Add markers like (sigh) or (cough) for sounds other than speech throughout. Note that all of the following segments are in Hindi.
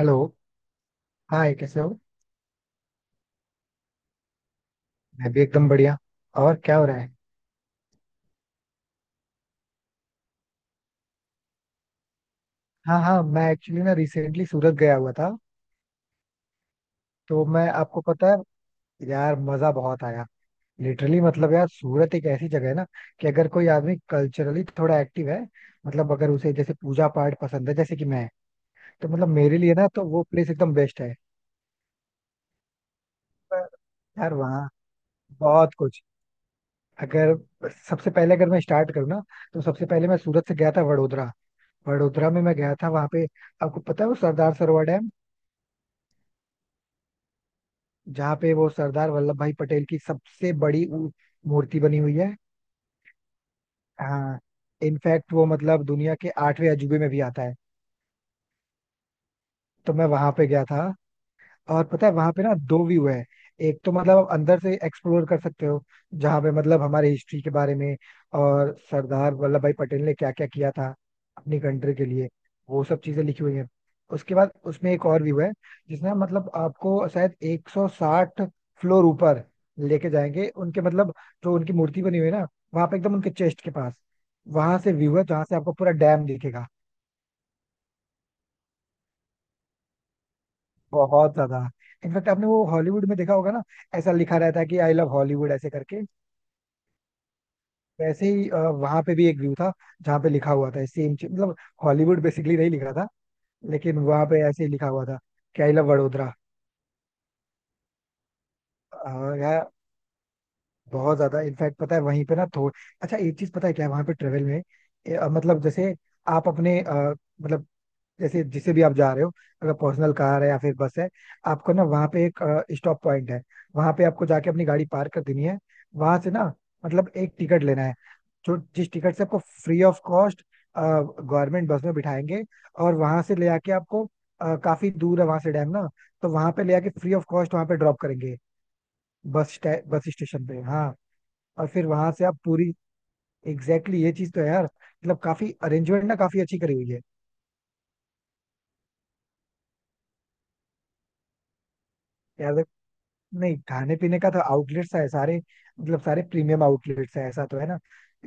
हेलो। हाय, कैसे हो? मैं भी एकदम बढ़िया। और क्या हो रहा है? हाँ हाँ, मैं एक्चुअली ना रिसेंटली सूरत गया हुआ था। तो मैं आपको पता है, यार मजा बहुत आया। लिटरली मतलब यार, सूरत एक ऐसी जगह है ना, कि अगर कोई आदमी कल्चरली थोड़ा एक्टिव है, मतलब अगर उसे जैसे पूजा पाठ पसंद है, जैसे कि मैं, तो मतलब मेरे लिए ना तो वो प्लेस एकदम बेस्ट है। पर यार वहाँ बहुत कुछ। अगर सबसे पहले अगर मैं स्टार्ट करूँ ना, तो सबसे पहले मैं सूरत से गया था वडोदरा। वडोदरा में मैं गया था, वहाँ पे आपको पता है वो सरदार सरोवर डैम, जहाँ पे वो सरदार वल्लभ भाई पटेल की सबसे बड़ी मूर्ति बनी हुई है। हाँ, इनफैक्ट वो मतलब दुनिया के आठवें अजूबे में भी आता है। तो मैं वहां पे गया था। और पता है वहां पे ना दो व्यू है। एक तो मतलब आप अंदर से एक्सप्लोर कर सकते हो, जहाँ पे मतलब हमारे हिस्ट्री के बारे में और सरदार वल्लभ भाई पटेल ने क्या क्या किया था अपनी कंट्री के लिए, वो सब चीजें लिखी हुई हैं। उसके बाद उसमें एक और व्यू है, जिसमें मतलब आपको शायद 160 फ्लोर ऊपर लेके जाएंगे। उनके मतलब जो उनकी मूर्ति बनी हुई है ना, वहां पे एकदम उनके चेस्ट के पास, वहां से व्यू है जहाँ से आपको पूरा डैम दिखेगा। बहुत ज्यादा। इनफैक्ट आपने वो हॉलीवुड में देखा होगा ना, ऐसा लिखा रहता है कि आई लव हॉलीवुड ऐसे करके, वैसे ही वहां पे भी एक व्यू था, जहाँ पे लिखा हुआ था सेम चीज, मतलब हॉलीवुड बेसिकली नहीं लिखा था, लेकिन वहां पे ऐसे ही लिखा हुआ था कि आई लव वडोदरा। अ, यार बहुत ज्यादा। इनफैक्ट पता है वहीं पे ना थोड़ा अच्छा एक चीज पता है क्या है वहां पे ट्रेवल में, मतलब जैसे आप अपने मतलब जैसे जिसे भी आप जा रहे हो, अगर पर्सनल कार है या फिर बस है, आपको ना वहाँ पे एक स्टॉप पॉइंट है, वहाँ पे आपको जाके अपनी गाड़ी पार्क कर देनी है। वहां से ना मतलब एक टिकट लेना है, जो जिस टिकट से आपको free of cost government bus में बिठाएंगे, और वहां से ले आके आपको, काफी दूर है वहां से डैम ना, तो वहां पे ले आके फ्री ऑफ कॉस्ट वहां पे ड्रॉप करेंगे, बस स्टेशन पे। हाँ, और फिर वहां से आप पूरी एग्जैक्टली exactly, ये चीज तो है यार, मतलब काफी अरेंजमेंट ना काफी अच्छी करी हुई है। यार नहीं, खाने पीने का तो आउटलेट्स है सारे, मतलब सारे प्रीमियम आउटलेट्स है, ऐसा तो है ना।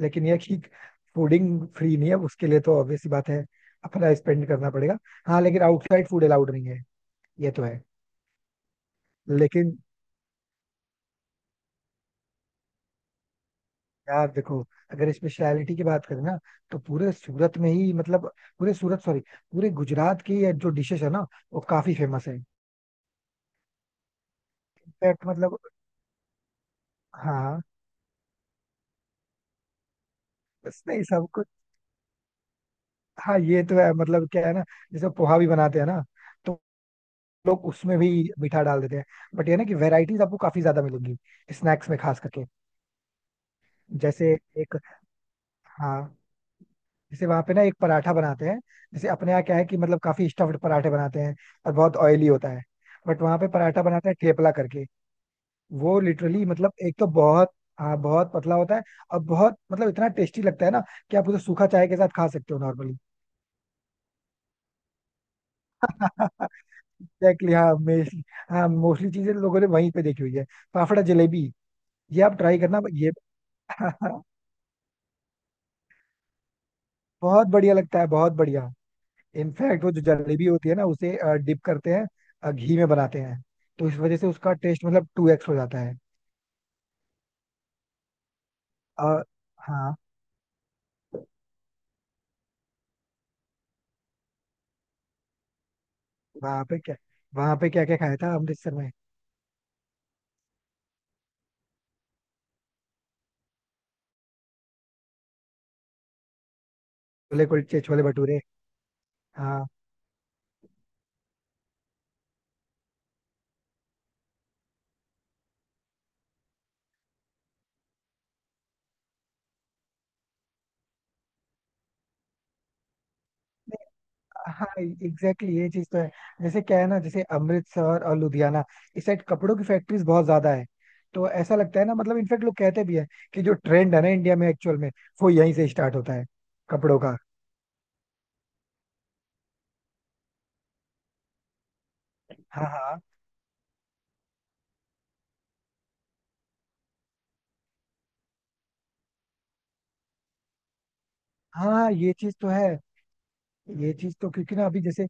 लेकिन यह कि फूडिंग फ्री नहीं है, उसके लिए तो ऑब्वियस सी बात है, अपना स्पेंड करना पड़ेगा। हाँ, लेकिन आउटसाइड फूड अलाउड नहीं है, ये तो है। लेकिन यार देखो, अगर स्पेशलिटी की बात करें ना, तो पूरे सूरत में ही मतलब, पूरे सूरत सॉरी, पूरे गुजरात की ये जो डिशेस है ना, वो काफी फेमस है। इनफैक्ट मतलब, हाँ, बस नहीं सब कुछ। हाँ, ये तो है। मतलब क्या है ना, जैसे पोहा भी बनाते हैं ना, तो लोग उसमें भी मीठा डाल देते हैं। बट ये ना कि वेराइटीज आपको काफी ज्यादा मिलेंगी, स्नैक्स में खास करके। जैसे एक, हाँ, जैसे वहां पे ना एक पराठा बनाते हैं। जैसे अपने यहाँ क्या है कि मतलब काफी स्टफ्ड पराठे बनाते हैं और बहुत ऑयली होता है, बट वहां पे पराठा बनाते हैं ठेपला करके। वो लिटरली मतलब एक तो बहुत, हाँ बहुत पतला होता है, और बहुत मतलब इतना टेस्टी लगता है ना, कि आप उसे सूखा चाय के साथ खा सकते हो नॉर्मली। एग्जैक्टली (laughs) हाँ मेरी, हाँ, मोस्टली चीजें लोगों ने वहीं पे देखी हुई है। फाफड़ा जलेबी, ये आप ट्राई करना ये (laughs) बहुत बढ़िया लगता है बहुत बढ़िया। इनफैक्ट वो जो जलेबी होती है ना, उसे डिप करते हैं घी में बनाते हैं, तो इस वजह से उसका टेस्ट मतलब 2x हो जाता है। और हाँ, वहाँ पे क्या, वहाँ पे क्या क्या खाया था अमृतसर में? छोले कुलचे, छोले भटूरे। हाँ, नहीं, हाँ एग्जैक्टली ये चीज तो है। जैसे क्या है ना, जैसे अमृतसर और लुधियाना, इस साइड कपड़ों की फैक्ट्रीज बहुत ज्यादा है। तो ऐसा लगता है ना, मतलब इनफैक्ट लोग कहते भी हैं कि जो ट्रेंड है ना इंडिया में, एक्चुअल में वो यहीं से स्टार्ट होता है, कपड़ों का। हाँ हाँ हाँ, ये चीज तो है। ये चीज तो क्योंकि ना अभी जैसे,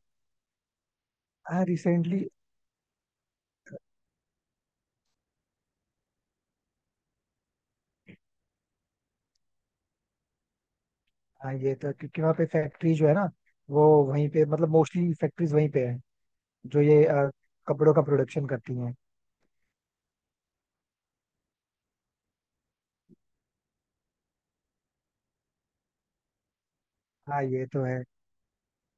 हाँ रिसेंटली। हाँ ये तो क्योंकि वहाँ पे फैक्ट्री जो है ना, वो वहीं पे मतलब, मोस्टली फैक्ट्रीज वहीं पे है, जो ये कपड़ों का प्रोडक्शन करती हैं। हाँ ये तो है।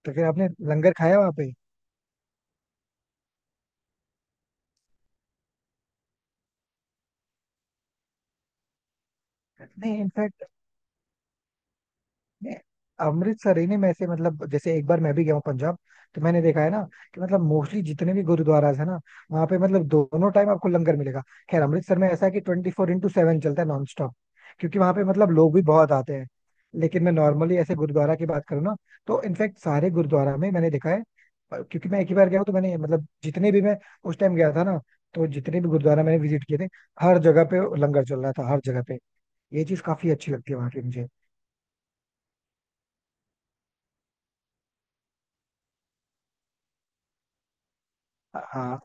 तो फिर आपने लंगर खाया वहाँ पे? नहीं, इनफैक्ट नहीं, अमृतसर ही नहीं, मैं ऐसे मतलब जैसे एक बार मैं भी गया हूँ पंजाब, तो मैंने देखा है ना कि मतलब मोस्टली जितने भी गुरुद्वाराज है ना, वहाँ पे मतलब दोनों टाइम आपको लंगर मिलेगा। खैर अमृतसर में ऐसा है कि 24x7 चलता है नॉन स्टॉप, क्योंकि वहाँ पे मतलब लोग भी बहुत आते हैं। लेकिन मैं नॉर्मली ऐसे गुरुद्वारा की बात करूँ ना, तो इनफैक्ट सारे गुरुद्वारा में मैंने देखा है, क्योंकि मैं एक ही बार गया हूँ, तो मैंने मतलब जितने भी मैं उस टाइम गया था ना, तो जितने भी गुरुद्वारा मैंने विजिट किए थे, हर जगह पे लंगर चल रहा था, हर जगह पे। ये चीज काफी अच्छी लगती है वहाँ की मुझे। हाँ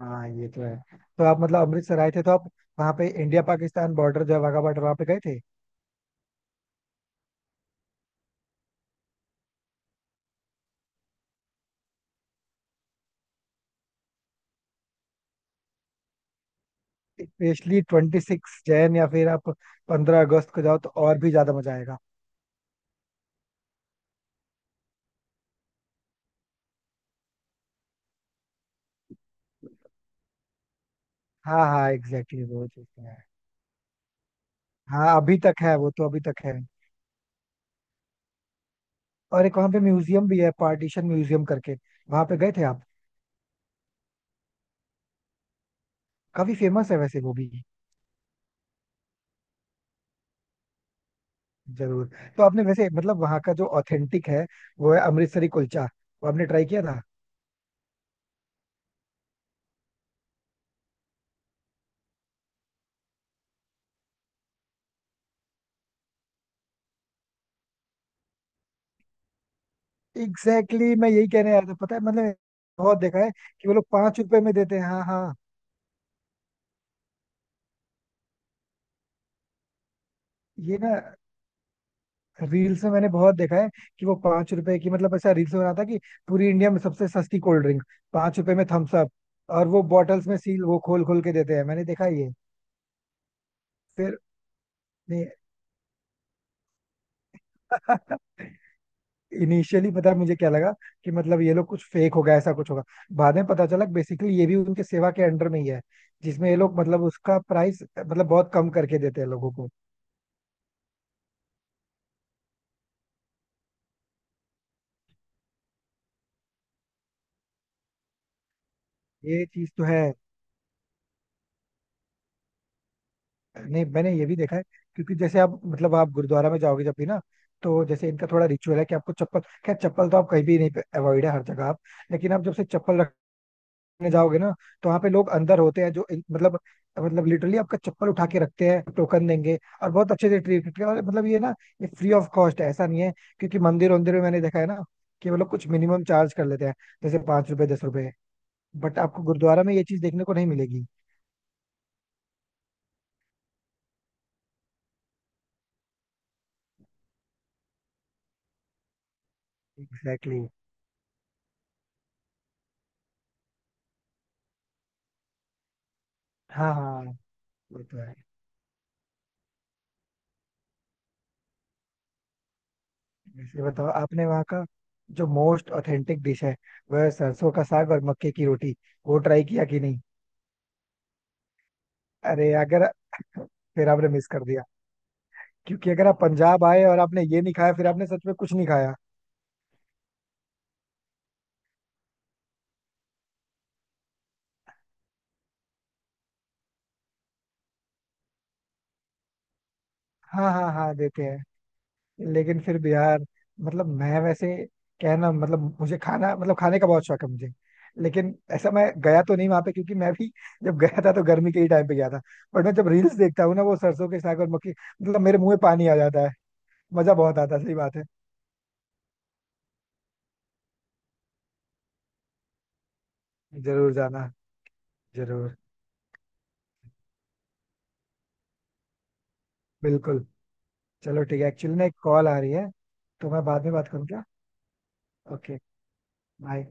हाँ ये तो है। तो आप मतलब अमृतसर आए थे, तो आप वहाँ पे इंडिया पाकिस्तान बॉर्डर जो है, वाघा बॉर्डर, वहाँ पे गए थे? स्पेशली 26 जैन या फिर आप 15 अगस्त को जाओ, तो और भी ज्यादा मजा आएगा। हाँ हाँ एग्जैक्टली, वो चीज तो है। हाँ, अभी तक है वो, तो अभी तक है। और एक वहाँ पे म्यूजियम भी है, पार्टीशन म्यूजियम करके, वहाँ पे गए थे आप? काफी फेमस है वैसे वो भी। जरूर। तो आपने वैसे मतलब वहाँ का जो ऑथेंटिक है, वो है अमृतसरी कुलचा, वो आपने ट्राई किया था? एग्जैक्टली exactly, मैं यही कहने आया था, पता है मतलब बहुत देखा है कि वो लोग 5 रुपए में देते हैं। हाँ हाँ, ये ना रील्स में मैंने बहुत देखा है कि वो 5 रुपए की, मतलब ऐसा रील्स बना था कि पूरी इंडिया में सबसे सस्ती कोल्ड ड्रिंक 5 रुपए में, थम्स अप। और वो बॉटल्स में सील वो खोल खोल के देते हैं, मैंने देखा ये। फिर नहीं (laughs) इनिशियली पता है मुझे क्या लगा, कि मतलब ये लोग कुछ फेक होगा, ऐसा कुछ होगा। बाद में पता चला बेसिकली ये भी उनके सेवा के अंडर में ही है, जिसमें ये लोग मतलब उसका प्राइस मतलब बहुत कम करके देते हैं लोगों को। ये चीज तो है। नहीं, मैंने ये भी देखा है, क्योंकि जैसे आप मतलब आप गुरुद्वारा में जाओगे जब भी ना, तो जैसे इनका थोड़ा रिचुअल है कि आपको चप्पल, खैर चप्पल तो आप कहीं भी नहीं, अवॉइड है हर जगह आप, लेकिन आप जब से चप्पल रखने जाओगे ना, तो वहाँ पे लोग अंदर होते हैं जो मतलब, मतलब लिटरली आपका चप्पल उठा के रखते हैं, टोकन देंगे, और बहुत अच्छे से ट्रीट करते हैं, और मतलब ये ना, ये फ्री ऑफ कॉस्ट है ऐसा नहीं है। क्योंकि मंदिर वंदिर में मैंने देखा है ना कि वो लोग कुछ मिनिमम चार्ज कर लेते हैं, जैसे 5 रुपए, 10 रुपए, बट आपको गुरुद्वारा में ये चीज देखने को नहीं मिलेगी। Exactly exactly। हाँ हाँ, वो तो है। वैसे बताओ आपने वहाँ का जो मोस्ट ऑथेंटिक डिश है, वह सरसों का साग और मक्के की रोटी, वो ट्राई किया कि नहीं? अरे अगर (laughs) फिर आपने मिस कर दिया, क्योंकि अगर आप पंजाब आए और आपने ये नहीं खाया, फिर आपने सच में कुछ नहीं खाया। हाँ हाँ हाँ देते हैं। लेकिन फिर भी यार, मतलब मैं वैसे कहना, मतलब मुझे खाना मतलब खाने का बहुत शौक है मुझे, लेकिन ऐसा मैं गया तो नहीं वहां पे, क्योंकि मैं भी (laughs) जब गया था तो गर्मी के ही टाइम पे गया था। बट मैं जब रील्स देखता हूँ ना वो सरसों के साग और मक्की, मतलब मेरे मुंह में पानी आ जाता है। मजा बहुत आता, सही बात है। जरूर जाना, जरूर। बिल्कुल। चलो ठीक है, एक्चुअली ना एक कॉल आ रही है, तो मैं बाद में बात करूँ क्या? Okay, bye.